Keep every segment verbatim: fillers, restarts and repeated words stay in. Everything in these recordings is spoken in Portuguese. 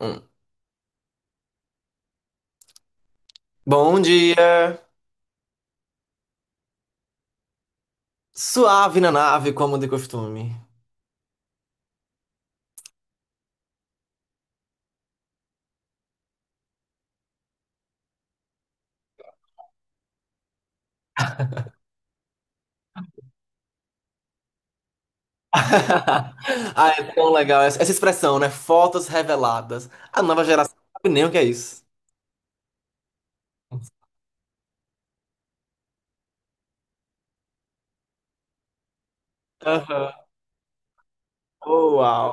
Hum. Bom dia, suave na nave, como de costume. Ah, é tão legal essa, essa expressão, né? Fotos reveladas. A nova geração não sabe nem o que é isso. Aham. Oh, uau.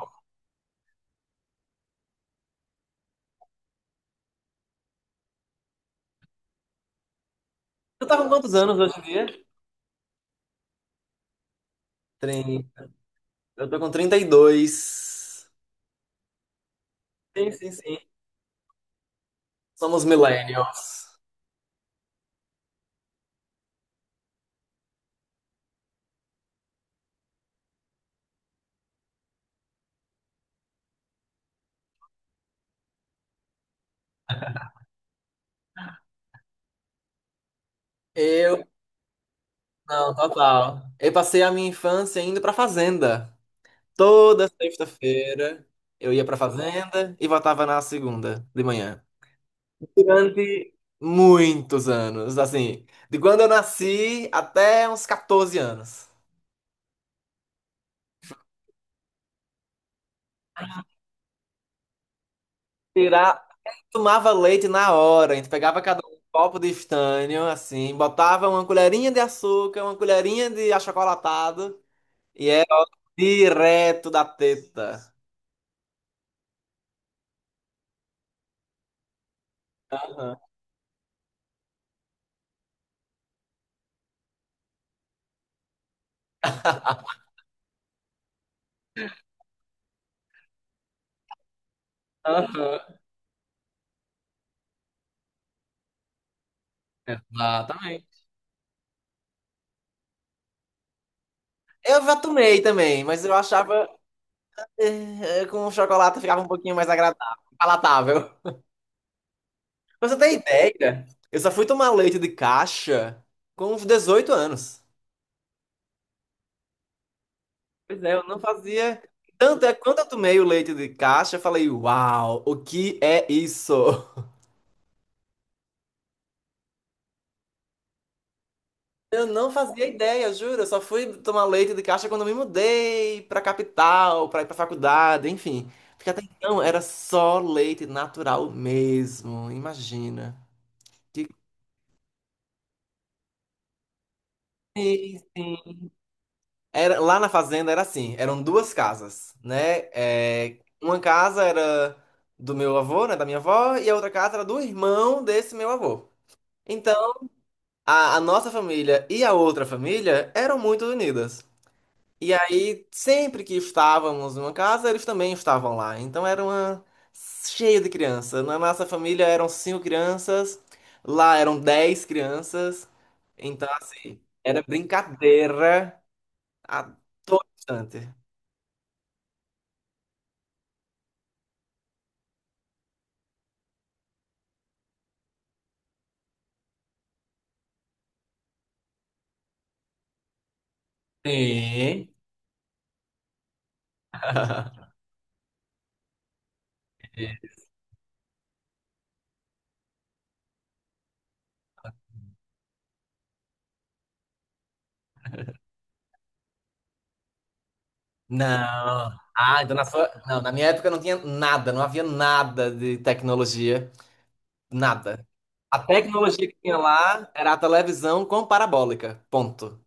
Tu tá com quantos anos hoje em dia? Trinta. Eu tô com trinta e dois. Sim, sim, sim. Somos millennials. Eu, não, total. Eu passei a minha infância indo pra fazenda. Toda sexta-feira eu ia pra fazenda e voltava na segunda de manhã. Durante muitos anos, assim, de quando eu nasci até uns quatorze anos. Tirar, tomava leite na hora, a gente pegava cada um um copo de estanho, assim, botava uma colherinha de açúcar, uma colherinha de achocolatado, e era ó, direto da teta. Aham. Aham. Exatamente. Eu já tomei também, mas eu achava eh, eh, com o chocolate ficava um pouquinho mais agradável, palatável. Pra você ter ideia, eu só fui tomar leite de caixa com uns dezoito anos. Pois é, eu não fazia. Tanto é quando eu tomei o leite de caixa, eu falei, uau, o que é isso? Eu não fazia ideia, juro. Eu só fui tomar leite de caixa quando eu me mudei pra capital, pra ir pra faculdade, enfim. Porque até então era só leite natural mesmo, imagina. Que... Sim, sim. Era, lá na fazenda era assim, eram duas casas, né? É, uma casa era do meu avô, né, da minha avó, e a outra casa era do irmão desse meu avô. Então, a, a nossa família e a outra família eram muito unidas. E aí, sempre que estávamos numa casa, eles também estavam lá. Então, era uma cheia de criança. Na nossa família eram cinco crianças, lá eram dez crianças. Então, assim, era brincadeira a todo instante. Sim. É. Não. Ah, então na sua... Não, na minha época não tinha nada, não havia nada de tecnologia, nada. A tecnologia que tinha lá era a televisão com parabólica, ponto.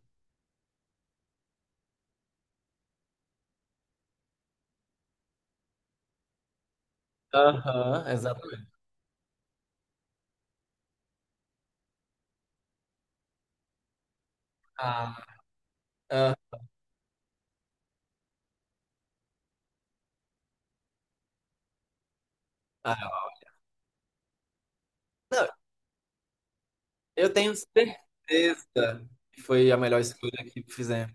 Aham, exatamente. Ah, ah, ah. Não, eu tenho certeza que foi a melhor escolha que fizemos.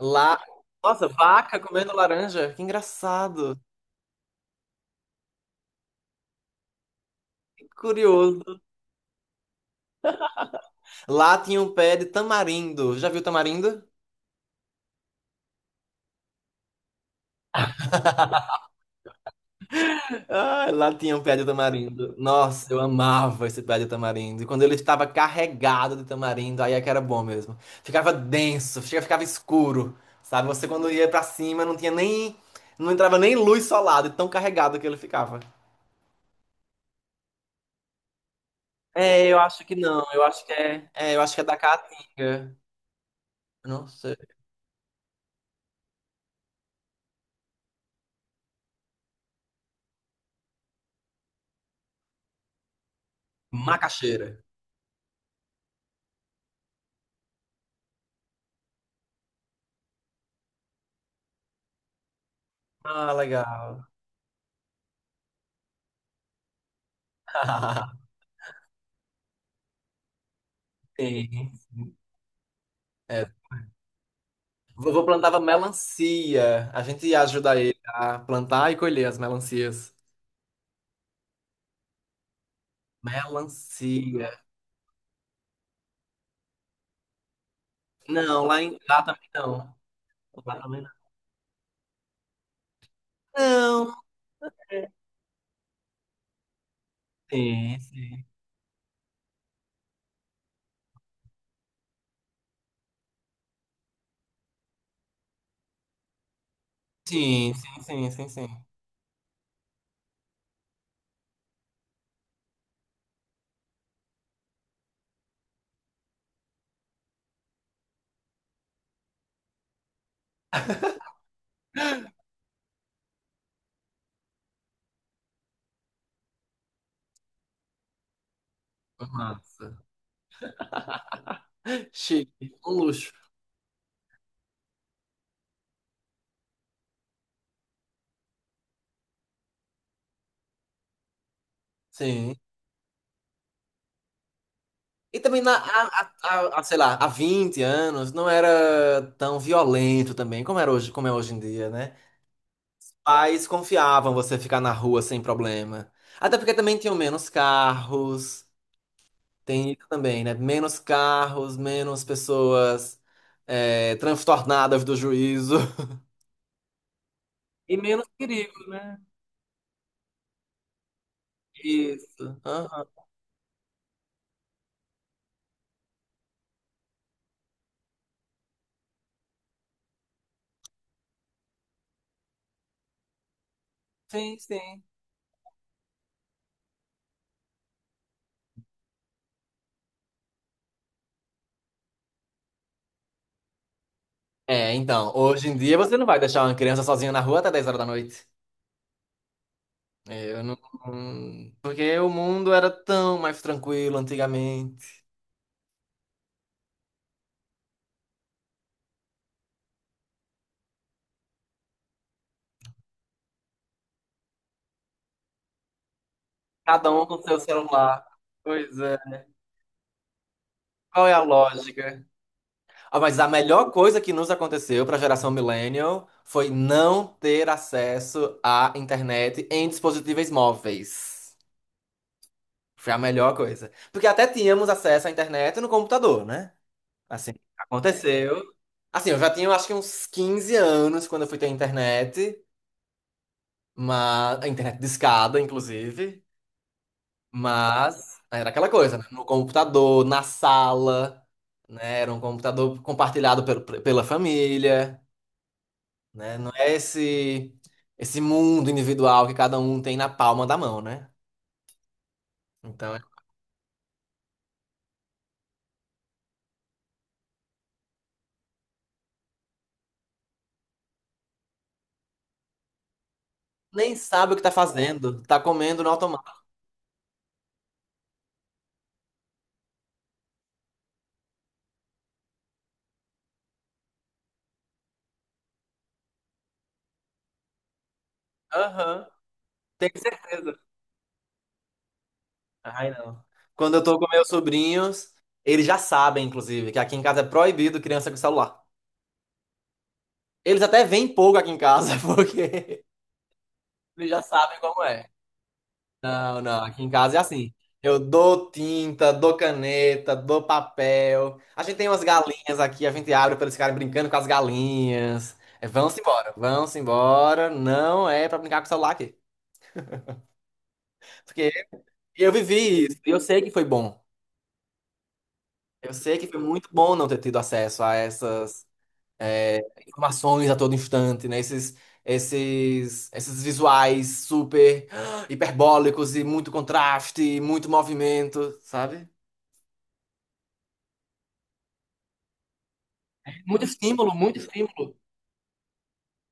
Lá, nossa, vaca comendo laranja, que engraçado, que curioso. Lá tinha um pé de tamarindo, já viu tamarindo? Ah, lá tinha um pé de tamarindo. Nossa, eu amava esse pé de tamarindo. E quando ele estava carregado de tamarindo, aí é que era bom mesmo. Ficava denso, chega- ficava escuro, sabe? Você quando ia pra cima não tinha nem, não entrava nem luz solar, de tão carregado que ele ficava. É, eu acho que não. Eu acho que é, é, eu acho que é da Caatinga. Eu não sei. Macaxeira. Ah, legal. Sim. É. Vovô plantava melancia. A gente ia ajudar ele a plantar e colher as melancias. Melancia. Não, lá, em, lá também não. Lá também não. Não. Sim, sim. Sim, sim, sim, sim, sim. Massa. Chique. Um luxo. Sim. E também na, a, a, a- sei lá, há vinte anos não era tão violento também, como era hoje, como é hoje em dia, né? Pais confiavam você ficar na rua sem problema. Até porque também tinham menos carros. Tem isso também, né? Menos carros, menos pessoas é, transtornadas do juízo. E menos perigo, né? Isso. Aham. Sim, sim. É, então, hoje em dia você não vai deixar uma criança sozinha na rua até dez horas da noite. É, Eu não... não- Porque o mundo era tão mais tranquilo antigamente. Cada um com seu celular. Pois é. Qual é a lógica? Ah, mas a melhor coisa que nos aconteceu para a geração millennial foi não ter acesso à internet em dispositivos móveis. Foi a melhor coisa. Porque até tínhamos acesso à internet no computador, né? Assim, aconteceu. Assim, eu já tinha, eu acho que uns quinze anos quando eu fui ter internet, mas a internet discada, inclusive, mas era aquela coisa, né? No computador, na sala, né? Era um computador compartilhado pelo- pela família. Né? Não é esse esse mundo individual que cada um tem na palma da mão, né? Então, nem sabe o que tá fazendo, tá comendo no automático. Aham, tenho certeza. Ai, não. Quando eu tô com meus sobrinhos, eles já sabem, inclusive, que aqui em casa é proibido criança com celular. Eles até vêm pouco aqui em casa, porque eles já sabem como é. Não, não, aqui em casa é assim. Eu dou tinta, dou caneta, dou papel. A gente tem umas galinhas aqui, a gente abre para eles ficarem brincando com as galinhas. É, vão-se embora, vão-se embora. Não é para brincar com o celular aqui. Porque eu vivi isso, eu sei que foi bom. Eu sei que foi muito bom não ter tido acesso a essas informações a todo instante, né? Esses, esses, esses visuais super ah, hiperbólicos e muito contraste, muito movimento, sabe? Muito estímulo, muito estímulo.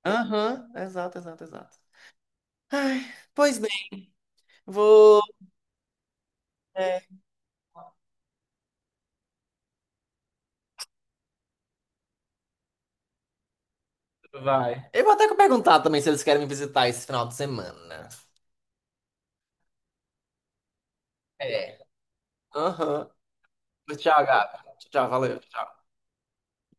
Aham, exato, exato, exato. Ai, pois bem, vou. é, Vai. Eu vou até perguntar também se eles querem me visitar esse final de semana. É. Aham. Tchau, Gabi. Tchau, valeu.